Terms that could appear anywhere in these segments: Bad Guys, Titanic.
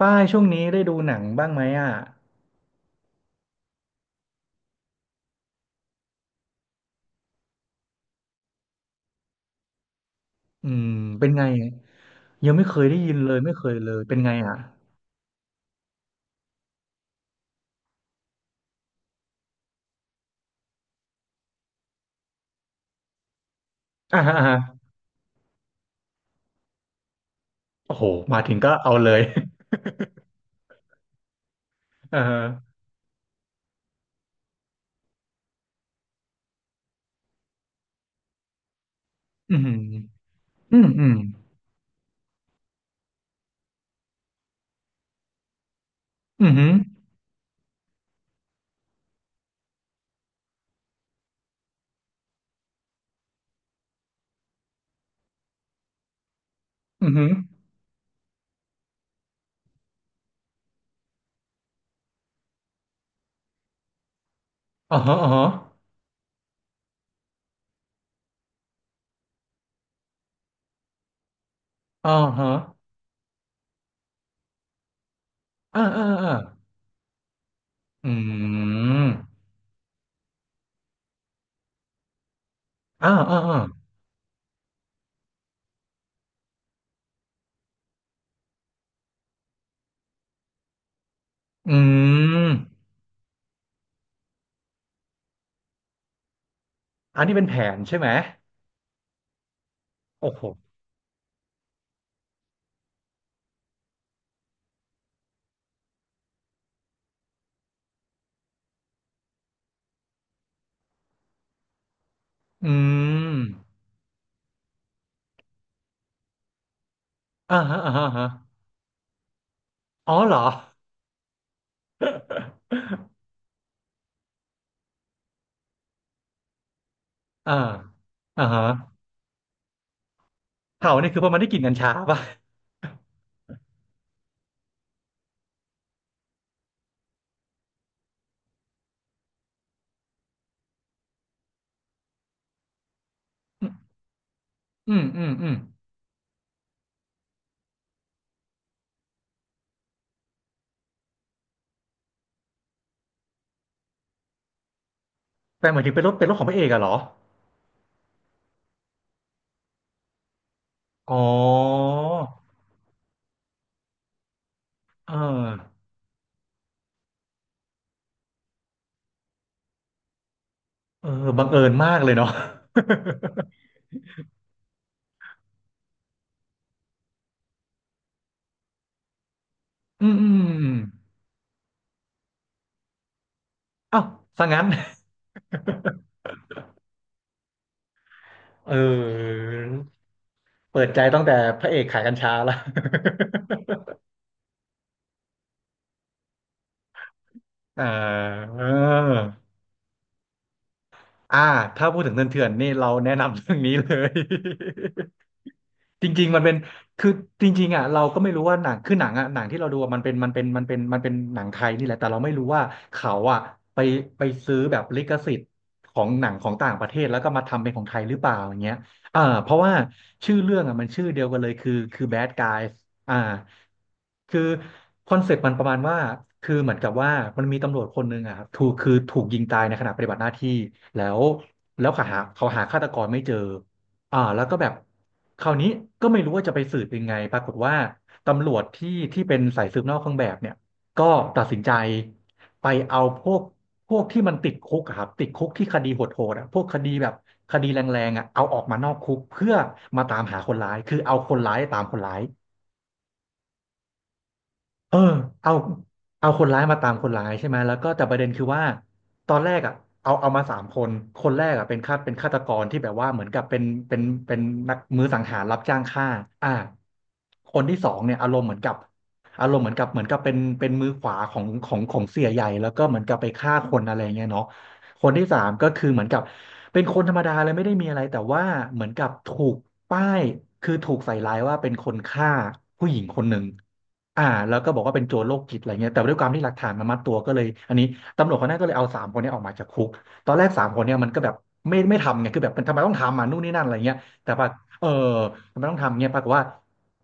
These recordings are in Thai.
ป้ายช่วงนี้ได้ดูหนังบ้างไหมอ่ะอืมเป็นไงยังไม่เคยได้ยินเลยไม่เคยเลยเป็นไงอ่ะอ่าฮะอ่าฮะโอ้โหมาถึงก็เอาเลย อ่าฮะอืมอืมอืมอืมอืมอมอ๋อฮะอ๋อฮะอ๋อฮะอ่าอ่าอ่าอืมอ่าอ่าอ่าอืมอันนี้เป็นแผนใช่ไหมโอ้โหอืมอ่าฮะอ่าฮะอ๋อเหรอ อ่าอ่าฮะ เผานี่คือเพราะมันได้กลิ่นกัญชาป่ะอืมอืมอืมแต่หมายถึงเป็นรถของพระเอกอะเหรอ อ๋อเออเออบังเอิญมากเลยเนาะ อืมอืมอืมเอ้าซะงั้น เออ เปิดใจตั้งแต่พระเอกขายกัญชาละ ออาอ่า ถ้าพูดถึงเถื่อนๆนี่เราแนะนำเรื่องนี้เลย จริงๆ มันเป็น คือจริงๆอ่ะเราก็ไม่รู้ว่าหนังคือหนังอ่ะหนังที่เราดูอะมันเป็นมันเป็นมันเป็นมันเป็นหนังไทยนี่แหละแต่เราไม่รู้ว่าเขาอ่ะไปไปซื้อแบบลิขสิทธิ์ของหนังของต่างประเทศแล้วก็มาทำเป็นของไทยหรือเปล่าอย่างเงี้ยอ่าเพราะว่าชื่อเรื่องอ่ะมันชื่อเดียวกันเลยคือ Bad Guys อ่าคือคอนเซปต์มันประมาณว่าคือเหมือนกับว่ามันมีตำรวจคนหนึ่งอ่ะครับถูกคือถูกยิงตายในขณะปฏิบัติหน้าที่แล้วแล้วเขาหาฆาตกรไม่เจอ อ่าแล้วก็แบบคราวนี้ก็ไม่รู้ว่าจะไปสืบยังไงปรากฏว่าตำรวจที่เป็นสายสืบนอกเครื่องแบบเนี่ยก็ตัดสินใจไปเอาพวกที่มันติดคุกอะครับติดคุกที่คดีโหดๆอ่ะพวกคดีแบบคดีแรงๆอ่ะเอาออกมานอกคุกเพื่อมาตามหาคนร้ายคือเอาคนร้ายตามคนร้าย เออเอาเอาคนร้ายมาตามคนร้ายใช่ไหมแล้วก็แต่ประเด็นคือว่าตอนแรกอ่ะเอามาสามคนคนแรกอ่ะเป็นฆาตกรที่แบบว่าเหมือนกับเป็นนักมือสังหารรับจ้างฆ่าอ่าคนที่สองเนี่ยอารมณ์เหมือนกับอารมณ์เหมือนกับเหมือนกับเป็นมือขวาของเสียใหญ่แล้วก็เหมือนกับไปฆ่าคนอะไรเงี้ยเนาะคนที่สามก็คือเหมือนกับเป็นคนธรรมดาเลยไม่ได้มีอะไรแต่ว่าเหมือนกับป้ายถูกใส่ร้ายว่าเป็นคนฆ่าผู้หญิงคนหนึ่ง อ่าแล้วก็บอกว่าเป็นโจรโรคจิตอะไรเงี้ยแต่ด้วยความที่หลักฐานมันมัดตัวก็เลยอันนี้ตำรวจคนนั้นก็เลยเอาสามคนเนี้ออกมาจากคุกตอนแรกสามคนเนี้ยมันก็แบบไม่ทำไงคือแบบมันทำไมต้องทำอ่ะนู่นนี่นั่นอะไรเงี้ยแต่ปะเออทำไมต้องทำเงี้ยปรากฏว่า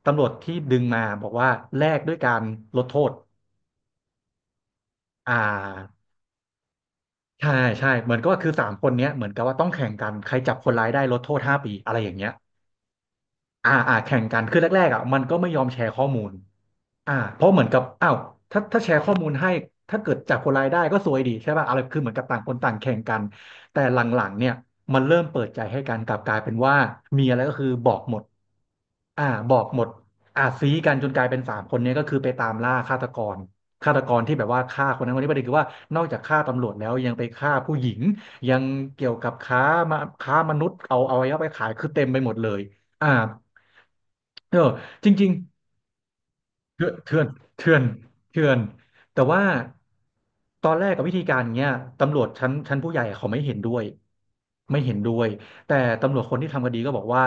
ตำรวจที่ดึงมาบอกว่าแลกด้วยการลดโทษอ่าใช่ใช่เหมือนก็ว่าคือสามคนเนี้ยเหมือนกับว่าต้องแข่งกันใครจับคนร้ายได้ลดโทษ5 ปีอะไรอย่างเงี้ยอ่าอ่าแข่งกันคือแรกๆอ่ะมันก็ไม่ยอมแชร์ข้อมูล อ่าเพราะเหมือนกับอ้าวถ้าแชร์ข้อมูลให้ถ้าเกิดจับคนร้ายได้ก็ซวยดีใช่ป่ะอะไรคือเหมือนกับต่างคนต่างแข่งกันแต่หลังๆเนี่ยมันเริ่มเปิดใจให้กันกลับกลายเป็นว่ามีอะไรก็คือบอกหมดอ่าบอกหมดอ่าซี้กันจนกลายเป็นสามคนเนี้ก็คือไปตามล่าฆาตกรฆาตกรที่แบบว่าฆ่าคนนั้นคนนี้ประเด็นคือว่านอกจากฆ่าตำรวจแล้วยังไปฆ่าผู้หญิงยังเกี่ยวกับค้ามาค้ามนุษย์เอาไว้ไปขายคือเต็มไปหมดเลยอ่าเออจริงๆ เถื่อนเถื่อนเถื่อนเถื่อนแต่ว่าตอนแรกกับวิธีการเนี้ยตำรวจชั้นผู้ใหญ่เขาไม่เห็นด้วยไม่เห็นด้วยแต่ตำรวจคนที่ทำคดีก็บอกว่า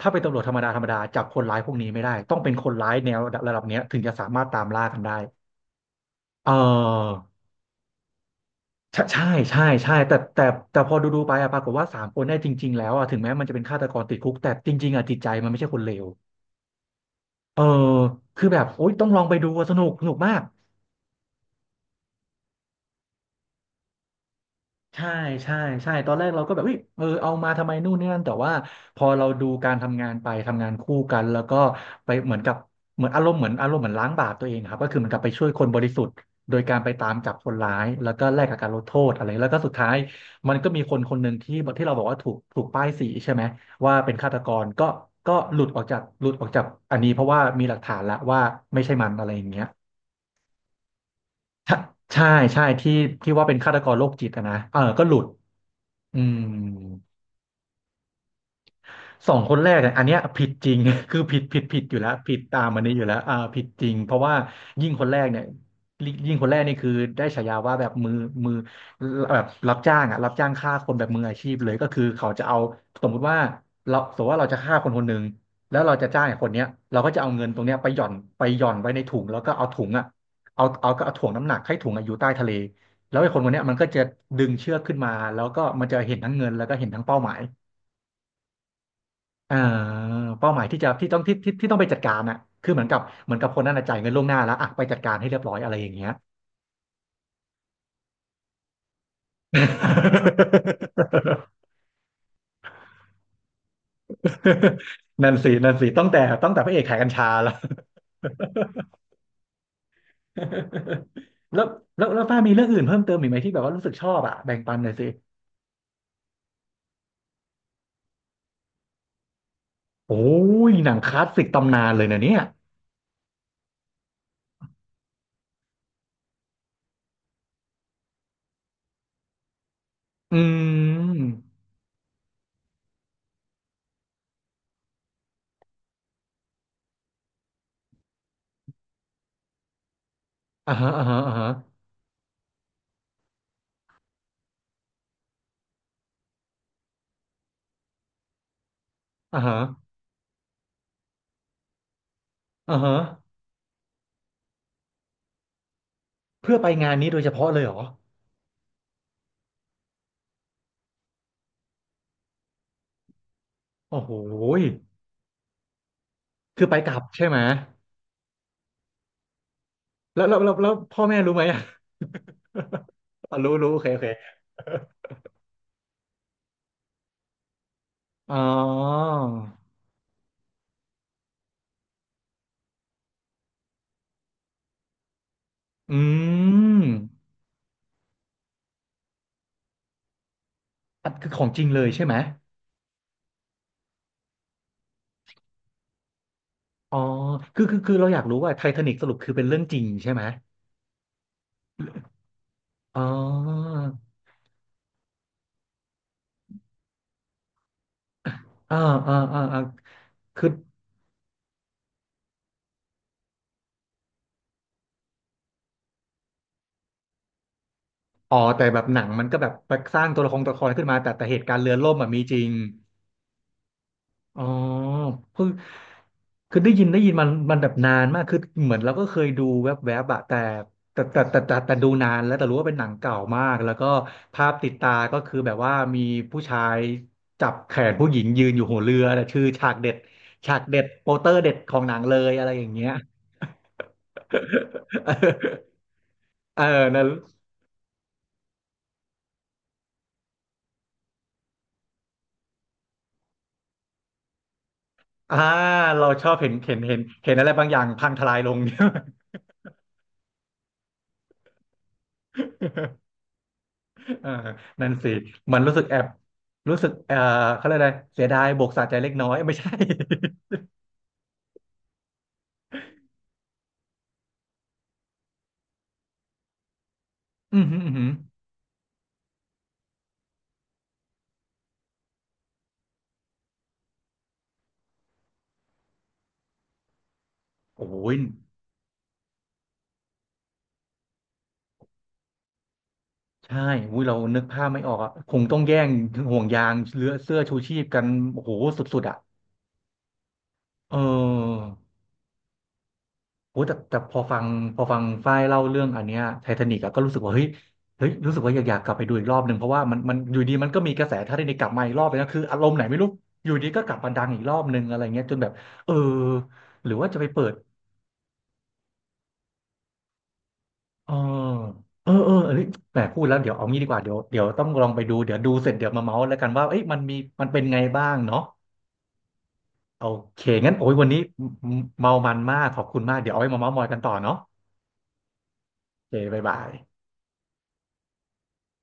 ถ้าเป็นตำรวจธรรมดาธรรมดาจับคนร้ายพวกนี้ไม่ได้ต้องเป็นคนร้ายแนวระดับเนี้ยถึงจะสามารถตามล่ากันได้เออใช่ใช่ใช่ใช่แต่พอดูไปอะปรากฏว่าสามคนได้จริงๆแล้วอะถึงแม้มันจะเป็นฆาตกรติดคุกแต่จริงๆอะจิตใจมันไม่ใช่คนเลวเออคือแบบโอ๊ยต้องลองไปดูอะสนุกสนุกมาก ใช่ใช่ใช่ตอนแรกเราก็แบบเฮ้ยเออเอามาทำไมนู่นนี่นั่นแต่ว่าพอเราดูการทำงานไปทำงานคู่กันแล้วก็ไปเหมือนกับเหมือนอารมณ์เหมือนล้างบาปตัวเองครับก็คือเหมือนกับไปช่วยคนบริสุทธิ์โดยการไปตามจับคนร้ายแล้วก็แลกกับการลดโทษอะไรแล้วก็สุดท้ายมันก็มีคนคนหนึ่งที่เราบอกว่าถูกป้ายสีใช่ไหมว่าเป็นฆาตกรก็หลุดออกจากหลุดออกจากอันนี้เพราะว่ามีหลักฐานละว่าไม่ใช่มันอะไรอย่างเงี้ย ใช่ใช่ใช่ที่ว่าเป็นฆาตกรโรคจิตอะนะเออก็หลุดอืม สองคนแรกเนี่ยอันเนี้ยผิดจริง คือผิดอยู่แล้วผิดตามอันนี้อยู่แล้วผิดจริงเพราะว่ายิ่งคนแรกเนี่ยยิ่งคนแรกนี่คือได้ฉายาว่าแบบมือแบบรับจ้างอ่ะรับจ้างฆ่าคนแบบมืออาชีพเลยก็คือเขาจะเอาสมมุติว่าเราสมมติว่าเราจะฆ่าคนคนหนึ่งแล้วเราจะจ้างไอ้คนเนี้ยเราก็จะเอาเงินตรงเนี้ยไปหย่อนไว้ในถุงแล้วก็เอาถุงอ่ะเอาถ่วงน้ำหนักให้ถุงอะอยู่ใต้ทะเลแล้วไอ้คนคนเนี้ยมันก็จะดึงเชือกขึ้นมาแล้วก็มันจะเห็นทั้งเงินแล้วก็เห็นทั้งเป้าหมาย อ่าเป้าหมายที่จะที่ต้องไปจัดการน่ะคือเหมือนกับคนนั้นน่ะจ่ายเงินล่วงหน้าแล้วอ่ะไปจัดการให้เรียบร้อยอะไรอย่างเงี้ย นั่นสินั่นสิตั้งแต่พระเอกขายกัญชาแล้ว แล้วแล้วป้ามีเรื่องอื่นเพิ่มเติมอีกไหมที่แบบว่ารู้สึกชอบอ่ะแบ่งปันหน่อยสิโอ้ยหนังคลาสสิกตำนานเลยนะเนี่ยอืมอ่าฮะอ่าฮะอ่าฮะอ่าฮะอ่าฮะเพื่อไปงานนี้โดยเฉพาะเลยเหรอโอ้โหยคือไปกลับใช่ไหม แล้วพ่อแม่รู้ไหม อ่ะ อ๋อรู้รู้โอเคโอเค อ๋ออืมอันคือของจริงเลยใช่ไหมอ๋อคือเราอยากรู้ว่าไททานิกสรุปคือเป็นเรื่องจริงใช่ไหมอ๋ออ่าอ่าอ่าอ่าคืออ๋อแต่แบบหนังมันก็แบบสร้างตัวละครขึ้นมาแต่เหตุการณ์เรือล่มอ่ะมีจริง อ๋อคือคือได้ยินมันแบบนานมากคือเหมือนเราก็เคยดูแวบๆบอะแต่ดูนานแล้วแต่รู้ว่าเป็นหนังเก่ามากแล้วก็ภาพติดตาก็คือแบบว่ามีผู้ชายจับแขนผู้หญิงยืนอยู่หัวเรือแต่ชื่อฉากเด็ดฉากเด็ดโปสเตอร์เด็ดของหนังเลยอะไรอย่างเงี้ย เออนนอ่าเราชอบเห็นอะไรบางอย่างพังทลายลง อ่านั่นสิมันรู้สึกแอบรู้สึกเขาเรียกอะไรเสียดายบวกสะใจเล็กน้อยไม่ใช่อืมอหืมออื้อหือโอ้ยใช่อุ้ยเรานึกภาพไม่ออกอ่ะคงต้องแย่งห่วงยางเรือเสื้อชูชีพกันโอ้โหสุดๆอ่ะเออโอ้แต่แต่พอฟังฝ้ายเล่าเรื่องอันเนี้ยไททานิกอะก็รู้สึกว่าเฮ้ยรู้สึกว่าอยากกลับไปดูอีกรอบหนึ่งเพราะว่ามันอยู่ดีมันก็มีกระแสไททานิกกลับมาอีกรอบเลยนะคืออารมณ์ไหนไม่รู้อยู่ดีก็กลับมาดังอีกรอบหนึ่งอะไรเงี้ยจนแบบเออหรือว่าจะไปเปิด เออเออเออเอันแหมพูดแล้วเดี๋ยวเอางี้ดีกว่าเดี๋ยวต้องลองไปดูเดี๋ยวดูเสร็จเดี๋ยวมาเมาส์แล้วกันว่าเอ้ยมันมีมันเป็นไงบ้างเนาะโอเคงั้นโอ้ยวันนี้เมามันมากขอบคุณมากเดี๋ยวเอาไว้มาเมาส์มอยกันต่อเนาะโอเคบ๊ายบาย